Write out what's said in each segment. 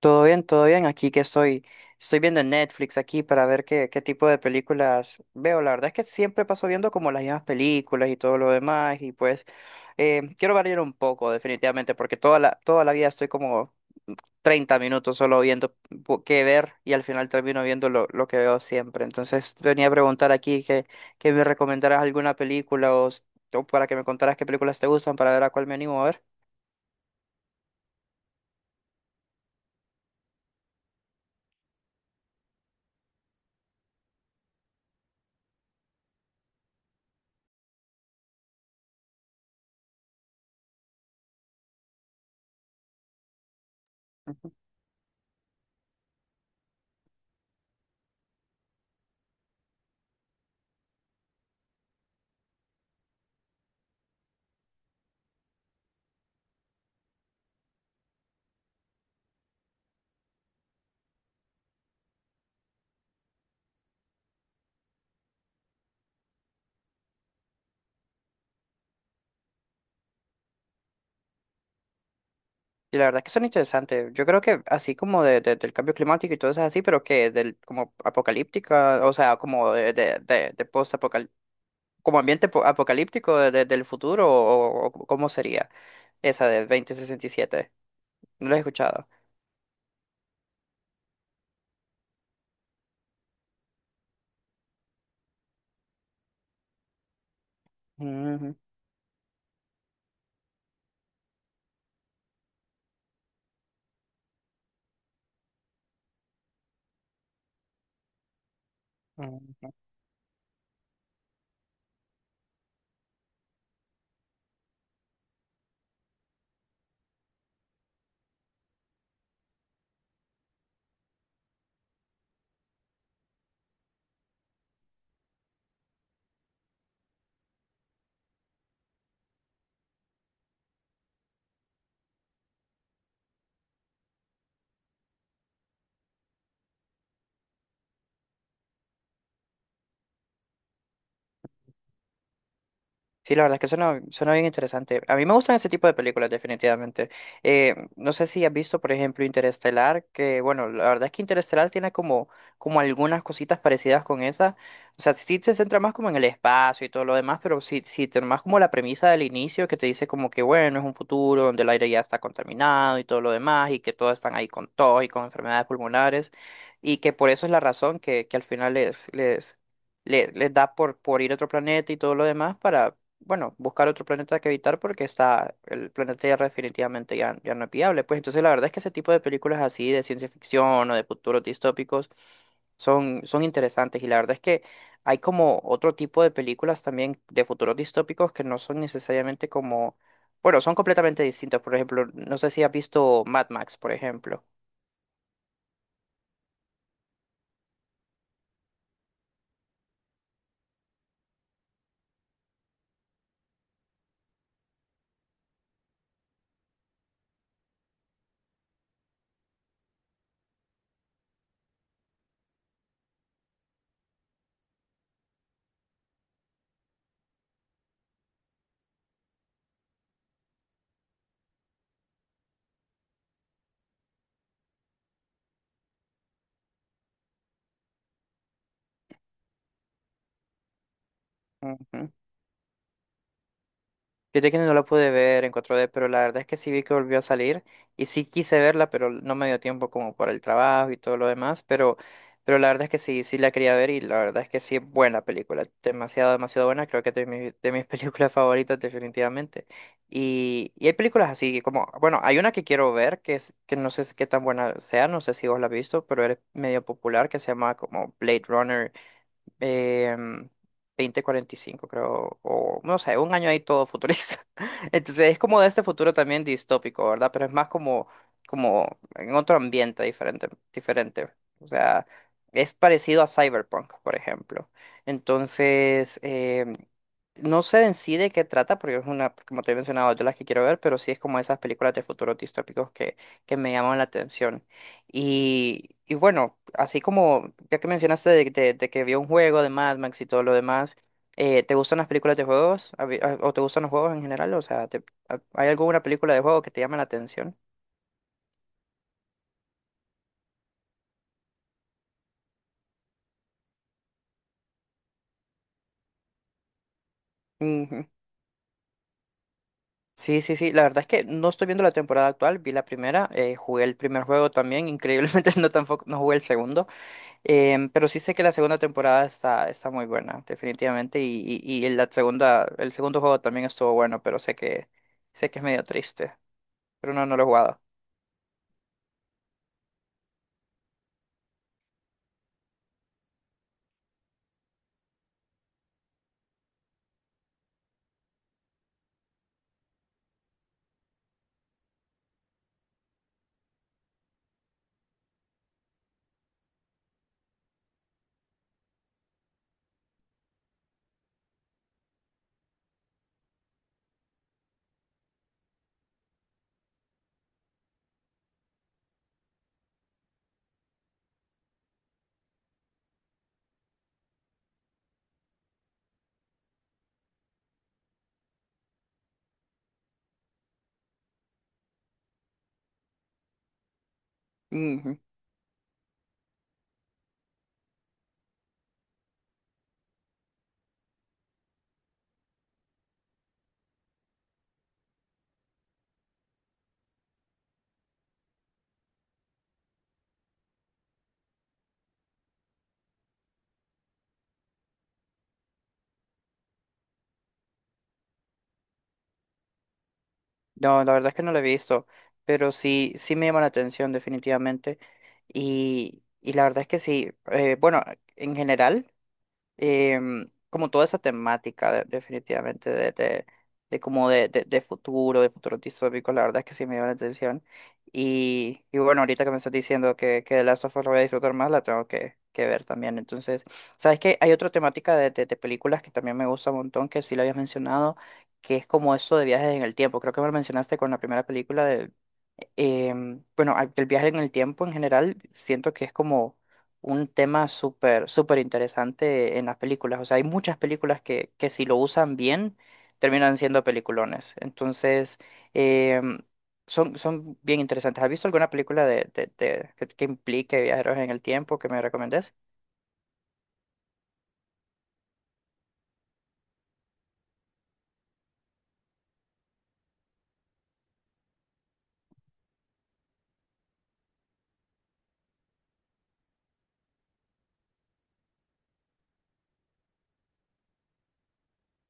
Todo bien, todo bien. Aquí que estoy, estoy viendo en Netflix aquí para ver qué tipo de películas veo. La verdad es que siempre paso viendo como las mismas películas y todo lo demás. Y pues quiero variar un poco, definitivamente, porque toda la vida estoy como 30 minutos solo viendo qué ver y al final termino viendo lo que veo siempre. Entonces venía a preguntar aquí que me recomendaras alguna película o para que me contaras qué películas te gustan para ver a cuál me animo a ver. Y la verdad es que son interesantes. Yo creo que así como del cambio climático y todo eso es así, pero que es del como apocalíptica, o sea, como como ambiente apocalíptico del futuro, o cómo sería esa de 2067. No lo he escuchado. Ujú. Sí, la verdad es que suena bien interesante. A mí me gustan ese tipo de películas, definitivamente. No sé si has visto, por ejemplo, Interestelar, que bueno, la verdad es que Interestelar tiene como algunas cositas parecidas con esa. O sea, sí se centra más como en el espacio y todo lo demás, pero sí, sí tiene más como la premisa del inicio que te dice como que bueno, es un futuro donde el aire ya está contaminado y todo lo demás, y que todos están ahí con tos y con enfermedades pulmonares, y que por eso es la razón que al final les da por ir a otro planeta y todo lo demás para bueno, buscar otro planeta que evitar porque está, el planeta Tierra definitivamente ya, ya no es viable. Pues entonces la verdad es que ese tipo de películas así de ciencia ficción o de futuros distópicos son interesantes y la verdad es que hay como otro tipo de películas también de futuros distópicos que no son necesariamente como, bueno, son completamente distintos. Por ejemplo, no sé si has visto Mad Max, por ejemplo. Ujú. Yo que no la pude ver en 4D pero la verdad es que sí vi que volvió a salir y sí quise verla, pero no me dio tiempo como por el trabajo y todo lo demás, pero la verdad es que sí, sí la quería ver y la verdad es que sí es buena película, demasiado, demasiado buena, creo que de mis películas favoritas definitivamente. Y hay películas así como, bueno, hay una que quiero ver que, es, que no sé qué tan buena sea, no sé si vos la has visto, pero es medio popular que se llama como Blade Runner 2045 creo, o no sé, un año ahí todo futurista. Entonces es como de este futuro también distópico, ¿verdad? Pero es más como, como en otro ambiente diferente, diferente. O sea, es parecido a Cyberpunk, por ejemplo. Entonces, no sé en sí de qué trata, porque es una, como te he mencionado, de las que quiero ver, pero sí es como esas películas de futuros distópicos que me llaman la atención. Y bueno, así como ya que mencionaste de que vio un juego de Mad Max y todo lo demás, ¿te gustan las películas de juegos? ¿O te gustan los juegos en general? O sea, ¿hay alguna película de juego que te llame la atención? Ujú. Sí, sí, sí. La verdad es que no estoy viendo la temporada actual. Vi la primera, jugué el primer juego también. Increíblemente no tampoco no jugué el segundo, pero sí sé que la segunda temporada está muy buena, definitivamente. Y la segunda, el segundo juego también estuvo bueno, pero sé que es medio triste. Pero no, no lo he jugado. Ujú. No, la verdad es que no lo he visto, pero sí, sí me llama la atención definitivamente. Y la verdad es que sí, bueno, en general. Como toda esa temática definitivamente de como de futuro distópico, la verdad es que sí me dio la atención. Y bueno, ahorita que me estás diciendo que The Last of Us lo voy a disfrutar más, la tengo que ver también. Entonces, ¿sabes qué? Hay otra temática de películas que también me gusta un montón, que sí lo habías mencionado, que es como eso de viajes en el tiempo. Creo que me lo mencionaste con la primera película de bueno, el viaje en el tiempo en general siento que es como un tema súper, súper interesante en las películas. O sea, hay muchas películas que si lo usan bien terminan siendo peliculones. Entonces, em, son bien interesantes. ¿Has visto alguna película que implique viajeros en el tiempo que me recomendés?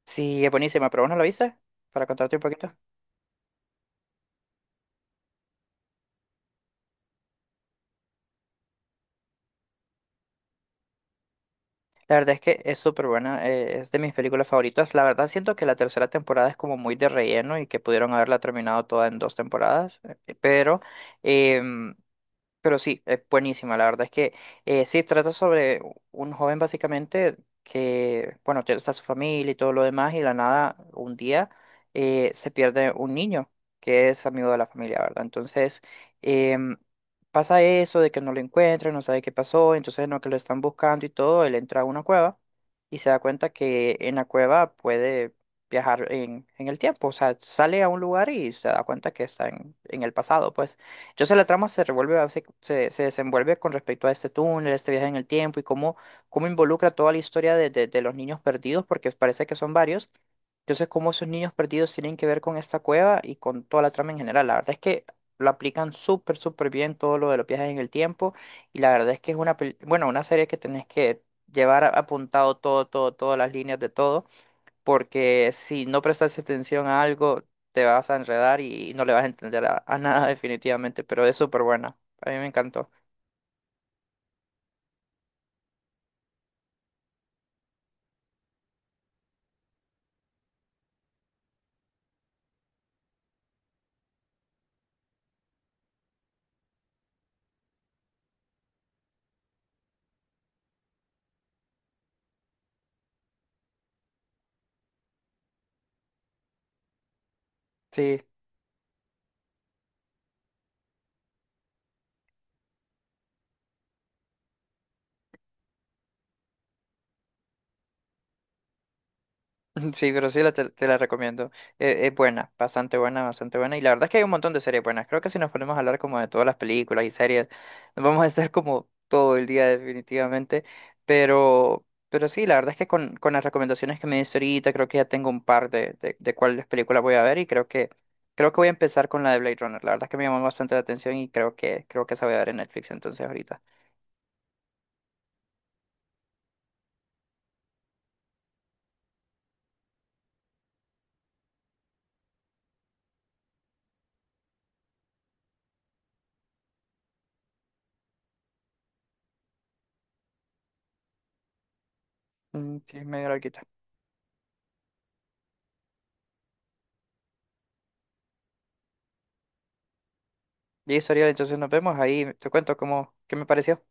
Sí, es buenísima, pero ¿vos no la viste? Para contarte un poquito. La verdad es que es súper buena, es de mis películas favoritas. La verdad siento que la tercera temporada es como muy de relleno y que pudieron haberla terminado toda en dos temporadas, eh, pero em, pero sí, es buenísima. La verdad es que sí, trata sobre un joven básicamente que, bueno, está su familia y todo lo demás, y de la nada, un día se pierde un niño que es amigo de la familia, ¿verdad? Entonces, em, pasa eso de que no lo encuentran, no sabe qué pasó, entonces no que lo están buscando y todo, él entra a una cueva y se da cuenta que en la cueva puede viajar en el tiempo, o sea, sale a un lugar y se da cuenta que está en el pasado, pues. Entonces la trama se revuelve, se desenvuelve con respecto a este túnel, este viaje en el tiempo y cómo, cómo involucra toda la historia de los niños perdidos, porque parece que son varios. Entonces, cómo esos niños perdidos tienen que ver con esta cueva y con toda la trama en general. La verdad es que lo aplican súper, súper bien todo lo de los viajes en el tiempo y la verdad es que es una, bueno, una serie que tenés que llevar apuntado todo, todo, todas las líneas de todo porque si no prestas atención a algo, te vas a enredar y no le vas a entender a nada definitivamente, pero es súper buena. A mí me encantó. Sí. Sí, pero sí, te la recomiendo. Es buena, bastante buena, bastante buena. Y la verdad es que hay un montón de series buenas. Creo que si nos ponemos a hablar como de todas las películas y series, nos vamos a estar como todo el día definitivamente. Pero sí, la verdad es que con las recomendaciones que me diste ahorita, creo que ya tengo un par de cuáles películas voy a ver y creo que voy a empezar con la de Blade Runner. La verdad es que me llamó bastante la atención y creo que esa voy a ver en Netflix entonces ahorita. Mm, sí, es medio larguita. Listo, Ariel, entonces nos vemos ahí. Te cuento cómo, qué me pareció.